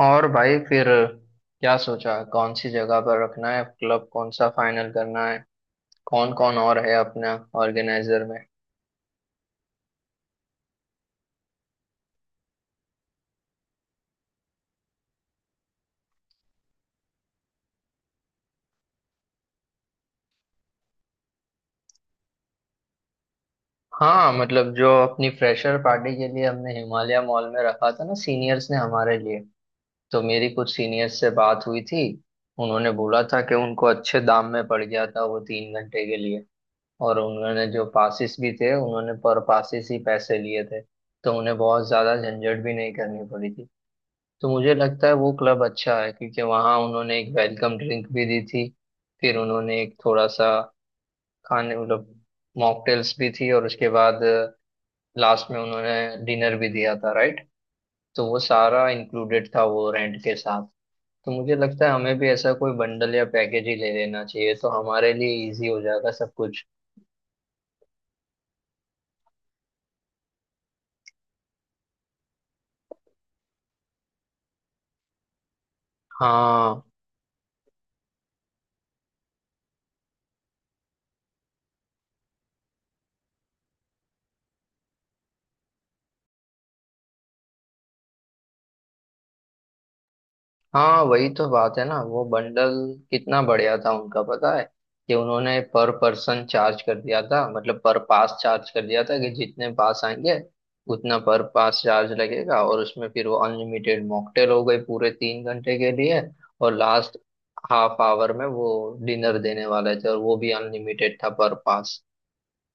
और भाई फिर क्या सोचा कौन सी जगह पर रखना है, क्लब कौन सा फाइनल करना है। कौन कौन और है अपना ऑर्गेनाइजर में। हाँ मतलब जो अपनी फ्रेशर पार्टी के लिए हमने हिमालय मॉल में रखा था ना, सीनियर्स ने हमारे लिए। तो मेरी कुछ सीनियर्स से बात हुई थी। उन्होंने बोला था कि उनको अच्छे दाम में पड़ गया था वो 3 घंटे के लिए। और उन्होंने जो पासिस भी थे उन्होंने पर पासिस ही पैसे लिए थे। तो उन्हें बहुत ज्यादा झंझट भी नहीं करनी पड़ी थी। तो मुझे लगता है वो क्लब अच्छा है, क्योंकि वहाँ उन्होंने एक वेलकम ड्रिंक भी दी थी। फिर उन्होंने एक थोड़ा सा खाने मतलब मॉकटेल्स भी थी, और उसके बाद लास्ट में उन्होंने डिनर भी दिया था, राइट। तो वो सारा इंक्लूडेड था वो रेंट के साथ। तो मुझे लगता है हमें भी ऐसा कोई बंडल या पैकेज ही ले लेना चाहिए, तो हमारे लिए इजी हो जाएगा सब कुछ। हाँ, हाँ, वही तो बात है ना। वो बंडल कितना बढ़िया था उनका, पता है। कि उन्होंने पर पर्सन चार्ज कर दिया था, मतलब पर पास चार्ज कर दिया था। कि जितने पास आएंगे उतना पर पास चार्ज लगेगा, और उसमें फिर वो अनलिमिटेड मॉकटेल हो गई पूरे 3 घंटे के लिए। और लास्ट हाफ आवर में वो डिनर देने वाले थे, और वो भी अनलिमिटेड था पर पास।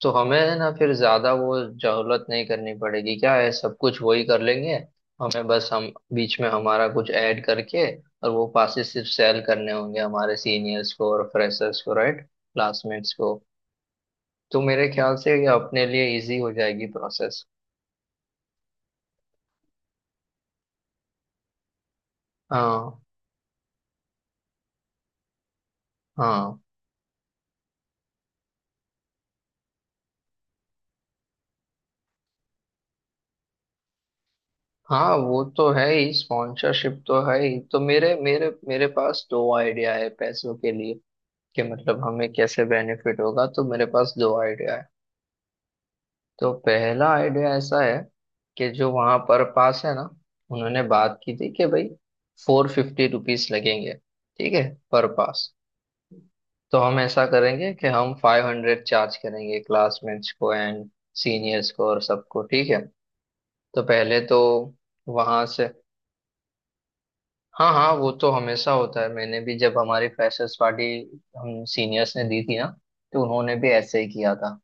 तो हमें है ना फिर ज्यादा वो जहलत नहीं करनी पड़ेगी, क्या है सब कुछ वही कर लेंगे। हमें बस हम बीच में हमारा कुछ ऐड करके और वो पासेस सिर्फ सेल करने होंगे हमारे सीनियर्स को और फ्रेशर्स को, राइट, क्लासमेट्स को। तो मेरे ख्याल से ये अपने लिए इजी हो जाएगी प्रोसेस। हाँ, हाँ, हाँ, वो तो है ही, स्पॉन्सरशिप तो है ही। तो मेरे मेरे मेरे पास दो आइडिया है पैसों के लिए। कि मतलब हमें कैसे बेनिफिट होगा, तो मेरे पास दो आइडिया है। तो पहला आइडिया ऐसा है कि जो वहां पर पास है ना, उन्होंने बात की थी कि भाई 450 रुपीज लगेंगे, ठीक है, पर पास। तो हम ऐसा करेंगे कि हम 500 चार्ज करेंगे क्लासमेट्स को एंड सीनियर्स को और सबको, ठीक है। तो पहले तो वहां से। हाँ, हाँ, वो तो हमेशा होता है। मैंने भी जब हमारी फ्रेशर्स पार्टी हम सीनियर्स ने दी थी ना, तो उन्होंने भी ऐसे ही किया था।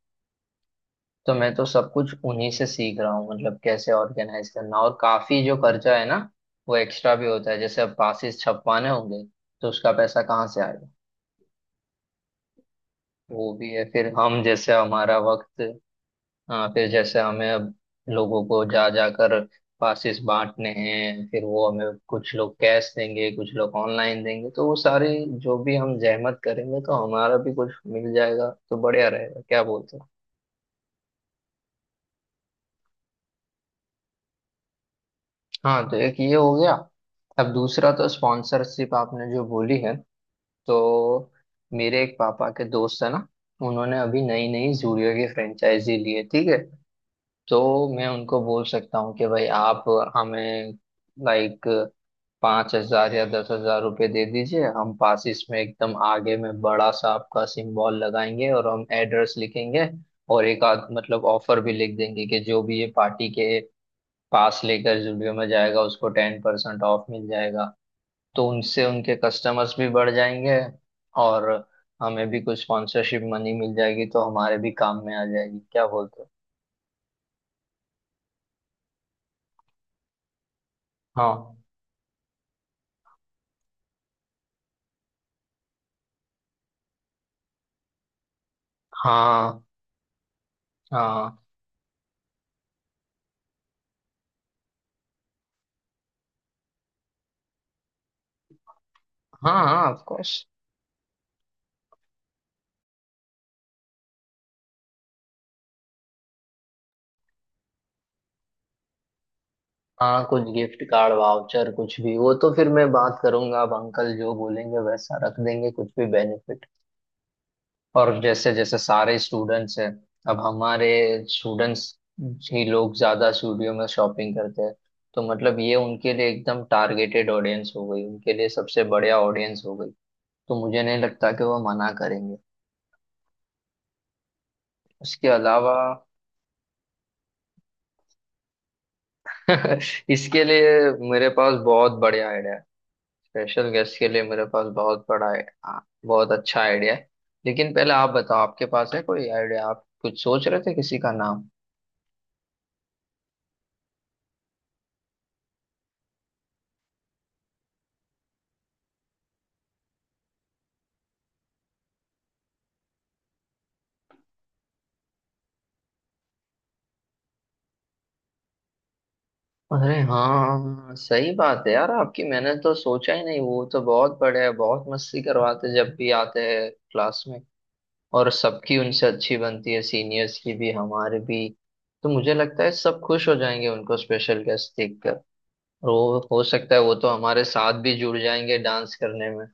तो मैं तो सब कुछ उन्हीं से सीख रहा हूँ, मतलब कैसे ऑर्गेनाइज करना। और काफी जो खर्चा है ना, वो एक्स्ट्रा भी होता है, जैसे अब पासिस छपवाने होंगे, तो उसका पैसा कहाँ से आएगा। वो भी है, फिर हम जैसे हमारा वक्त। हाँ, फिर जैसे हमें अब लोगों को जा जाकर पासिस बांटने हैं, फिर वो हमें कुछ लोग कैश देंगे कुछ लोग ऑनलाइन देंगे। तो वो सारी जो भी हम जहमत करेंगे, तो हमारा भी कुछ मिल जाएगा, तो बढ़िया रहेगा, क्या बोलते हो। हाँ, तो एक ये हो गया। अब दूसरा, तो स्पॉन्सरशिप आपने जो बोली है, तो मेरे एक पापा के दोस्त है ना, उन्होंने अभी नई नई जूडियो की फ्रेंचाइजी ली है, ठीक है। तो मैं उनको बोल सकता हूँ कि भाई आप हमें, लाइक, 5,000 या 10,000 रुपये दे दीजिए। हम पासिस में एकदम आगे में बड़ा सा आपका सिंबल लगाएंगे और हम एड्रेस लिखेंगे, और एक आध मतलब ऑफर भी लिख देंगे, कि जो भी ये पार्टी के पास लेकर जुडियो में जाएगा उसको 10% ऑफ मिल जाएगा। तो उनसे उनके कस्टमर्स भी बढ़ जाएंगे, और हमें भी कुछ स्पॉन्सरशिप मनी मिल जाएगी, तो हमारे भी काम में आ जाएगी, क्या बोलते हो। हाँ, हाँ, हाँ, हाँ, हाँ, ऑफ कोर्स। हाँ, कुछ गिफ्ट कार्ड वाउचर कुछ भी, वो तो फिर मैं बात करूंगा। अब अंकल जो बोलेंगे वैसा रख देंगे, कुछ भी बेनिफिट। और जैसे जैसे सारे स्टूडेंट्स हैं, अब हमारे स्टूडेंट्स ही लोग ज्यादा स्टूडियो में शॉपिंग करते हैं। तो मतलब ये उनके लिए एकदम टारगेटेड ऑडियंस हो गई, उनके लिए सबसे बढ़िया ऑडियंस हो गई। तो मुझे नहीं लगता कि वो मना करेंगे। उसके अलावा इसके लिए मेरे पास बहुत बढ़िया आइडिया है। स्पेशल गेस्ट के लिए मेरे पास बहुत बड़ा आ, बहुत अच्छा आइडिया है। लेकिन पहले आप बताओ, आपके पास है कोई आइडिया, आप कुछ सोच रहे थे किसी का नाम। अरे हाँ सही बात है यार आपकी, मैंने तो सोचा ही नहीं। वो तो बहुत बड़े हैं, बहुत मस्ती करवाते जब भी आते हैं क्लास में। और सबकी उनसे अच्छी बनती है, सीनियर्स की भी हमारे भी। तो मुझे लगता है सब खुश हो जाएंगे उनको स्पेशल गेस्ट देखकर। और वो हो सकता है वो तो हमारे साथ भी जुड़ जाएंगे डांस करने में।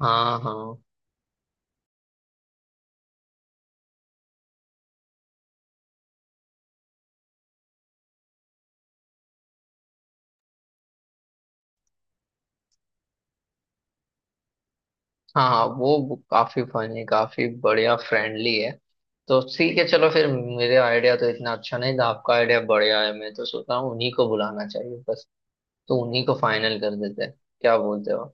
हाँ, हाँ, हाँ, हाँ, वो काफी फनी काफी बढ़िया फ्रेंडली है। तो ठीक है, चलो फिर। मेरे आइडिया तो इतना अच्छा नहीं था, आपका आइडिया बढ़िया है। मैं तो सोच रहा हूँ उन्हीं को बुलाना चाहिए बस। तो उन्हीं को फाइनल कर देते हैं, क्या बोलते हो।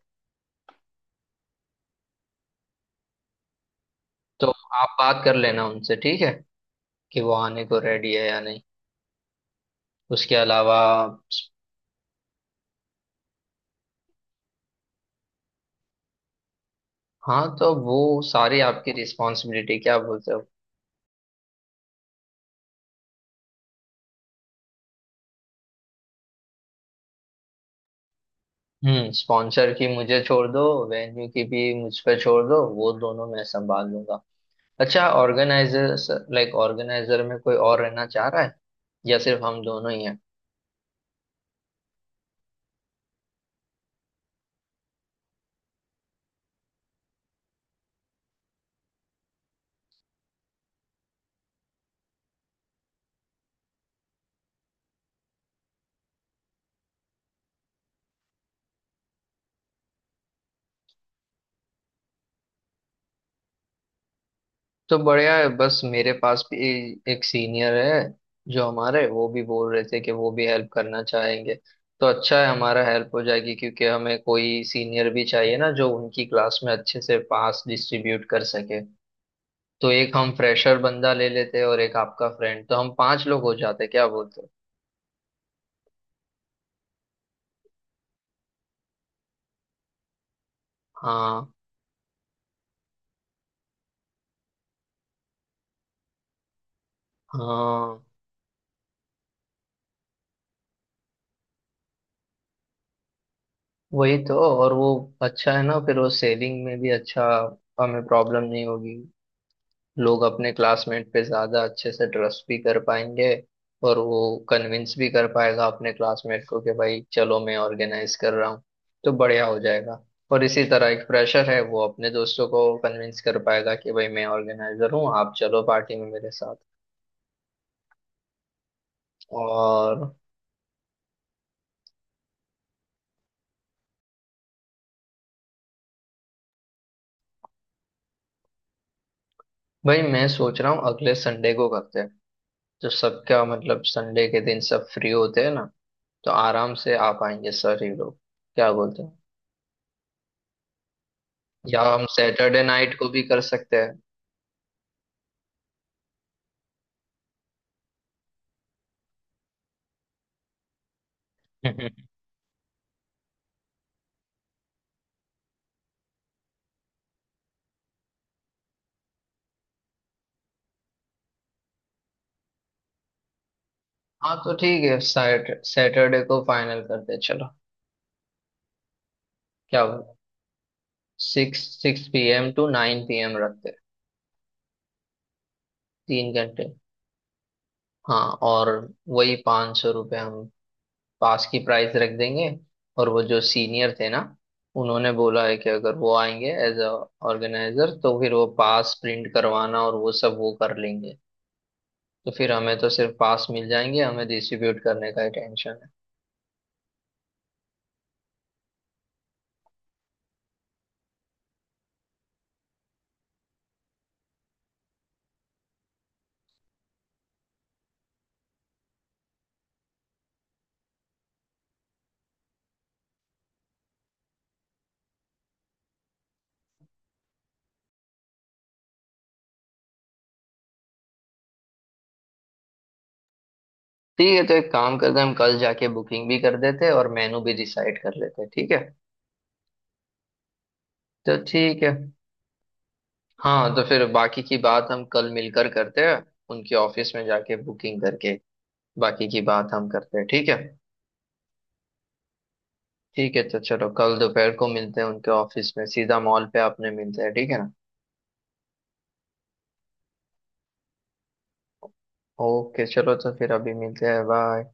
तो आप बात कर लेना उनसे, ठीक है, कि वो आने को रेडी है या नहीं। उसके अलावा, हाँ, तो वो सारी आपकी रिस्पॉन्सिबिलिटी, क्या बोलते हो। हम्म, स्पॉन्सर की मुझे छोड़ दो। वेन्यू की भी मुझ पे छोड़ दो, वो दोनों मैं संभाल लूंगा। अच्छा, ऑर्गेनाइजर, लाइक ऑर्गेनाइजर में कोई और रहना चाह रहा है, या सिर्फ हम दोनों ही हैं। तो बढ़िया है, बस मेरे पास भी एक सीनियर है जो हमारे, वो भी बोल रहे थे कि वो भी हेल्प करना चाहेंगे। तो अच्छा है, हमारा हेल्प हो जाएगी, क्योंकि हमें कोई सीनियर भी चाहिए ना जो उनकी क्लास में अच्छे से पास डिस्ट्रीब्यूट कर सके। तो एक हम फ्रेशर बंदा ले लेते और एक आपका फ्रेंड, तो हम पांच लोग हो जाते, क्या बोलते हो। हाँ, हाँ, वही तो। और वो अच्छा है ना, फिर वो सेविंग में भी अच्छा, हमें प्रॉब्लम नहीं होगी। लोग अपने क्लासमेट पे ज्यादा अच्छे से ट्रस्ट भी कर पाएंगे। और वो कन्विंस भी कर पाएगा अपने क्लासमेट को कि भाई चलो मैं ऑर्गेनाइज कर रहा हूँ, तो बढ़िया हो जाएगा। और इसी तरह एक प्रेशर है, वो अपने दोस्तों को कन्विंस कर पाएगा कि भाई मैं ऑर्गेनाइजर हूँ, आप चलो पार्टी में मेरे साथ। और भाई मैं सोच रहा हूँ अगले संडे को करते हैं। तो सबका मतलब संडे के दिन सब फ्री होते हैं ना, तो आराम से आ पाएंगे सर ही लोग, क्या बोलते हैं। या हम सैटरडे नाइट को भी कर सकते हैं। हाँ, तो ठीक है, सैटरडे को फाइनल करते हैं, चलो। क्या बोलो, six six P M to nine P M रखते हैं, 3 घंटे। हाँ, और वही 500 रुपये हम पास की प्राइस रख देंगे। और वो जो सीनियर थे ना, उन्होंने बोला है कि अगर वो आएंगे एज अ ऑर्गेनाइजर तो फिर वो पास प्रिंट करवाना और वो सब वो कर लेंगे। तो फिर हमें तो सिर्फ पास मिल जाएंगे, हमें डिस्ट्रीब्यूट करने का ही टेंशन है। ठीक है, तो एक काम करते हैं, हम कल जाके बुकिंग भी कर देते हैं और मेनू भी डिसाइड कर लेते हैं, ठीक है। तो ठीक है, हाँ, तो फिर बाकी की बात हम कल मिलकर करते हैं, उनके ऑफिस में जाके बुकिंग करके बाकी की बात हम करते हैं, ठीक है। ठीक है, तो चलो कल दोपहर को मिलते हैं उनके ऑफिस में, सीधा मॉल पे आपने मिलते हैं, ठीक है ना। ओके चलो, तो फिर अभी मिलते हैं, बाय।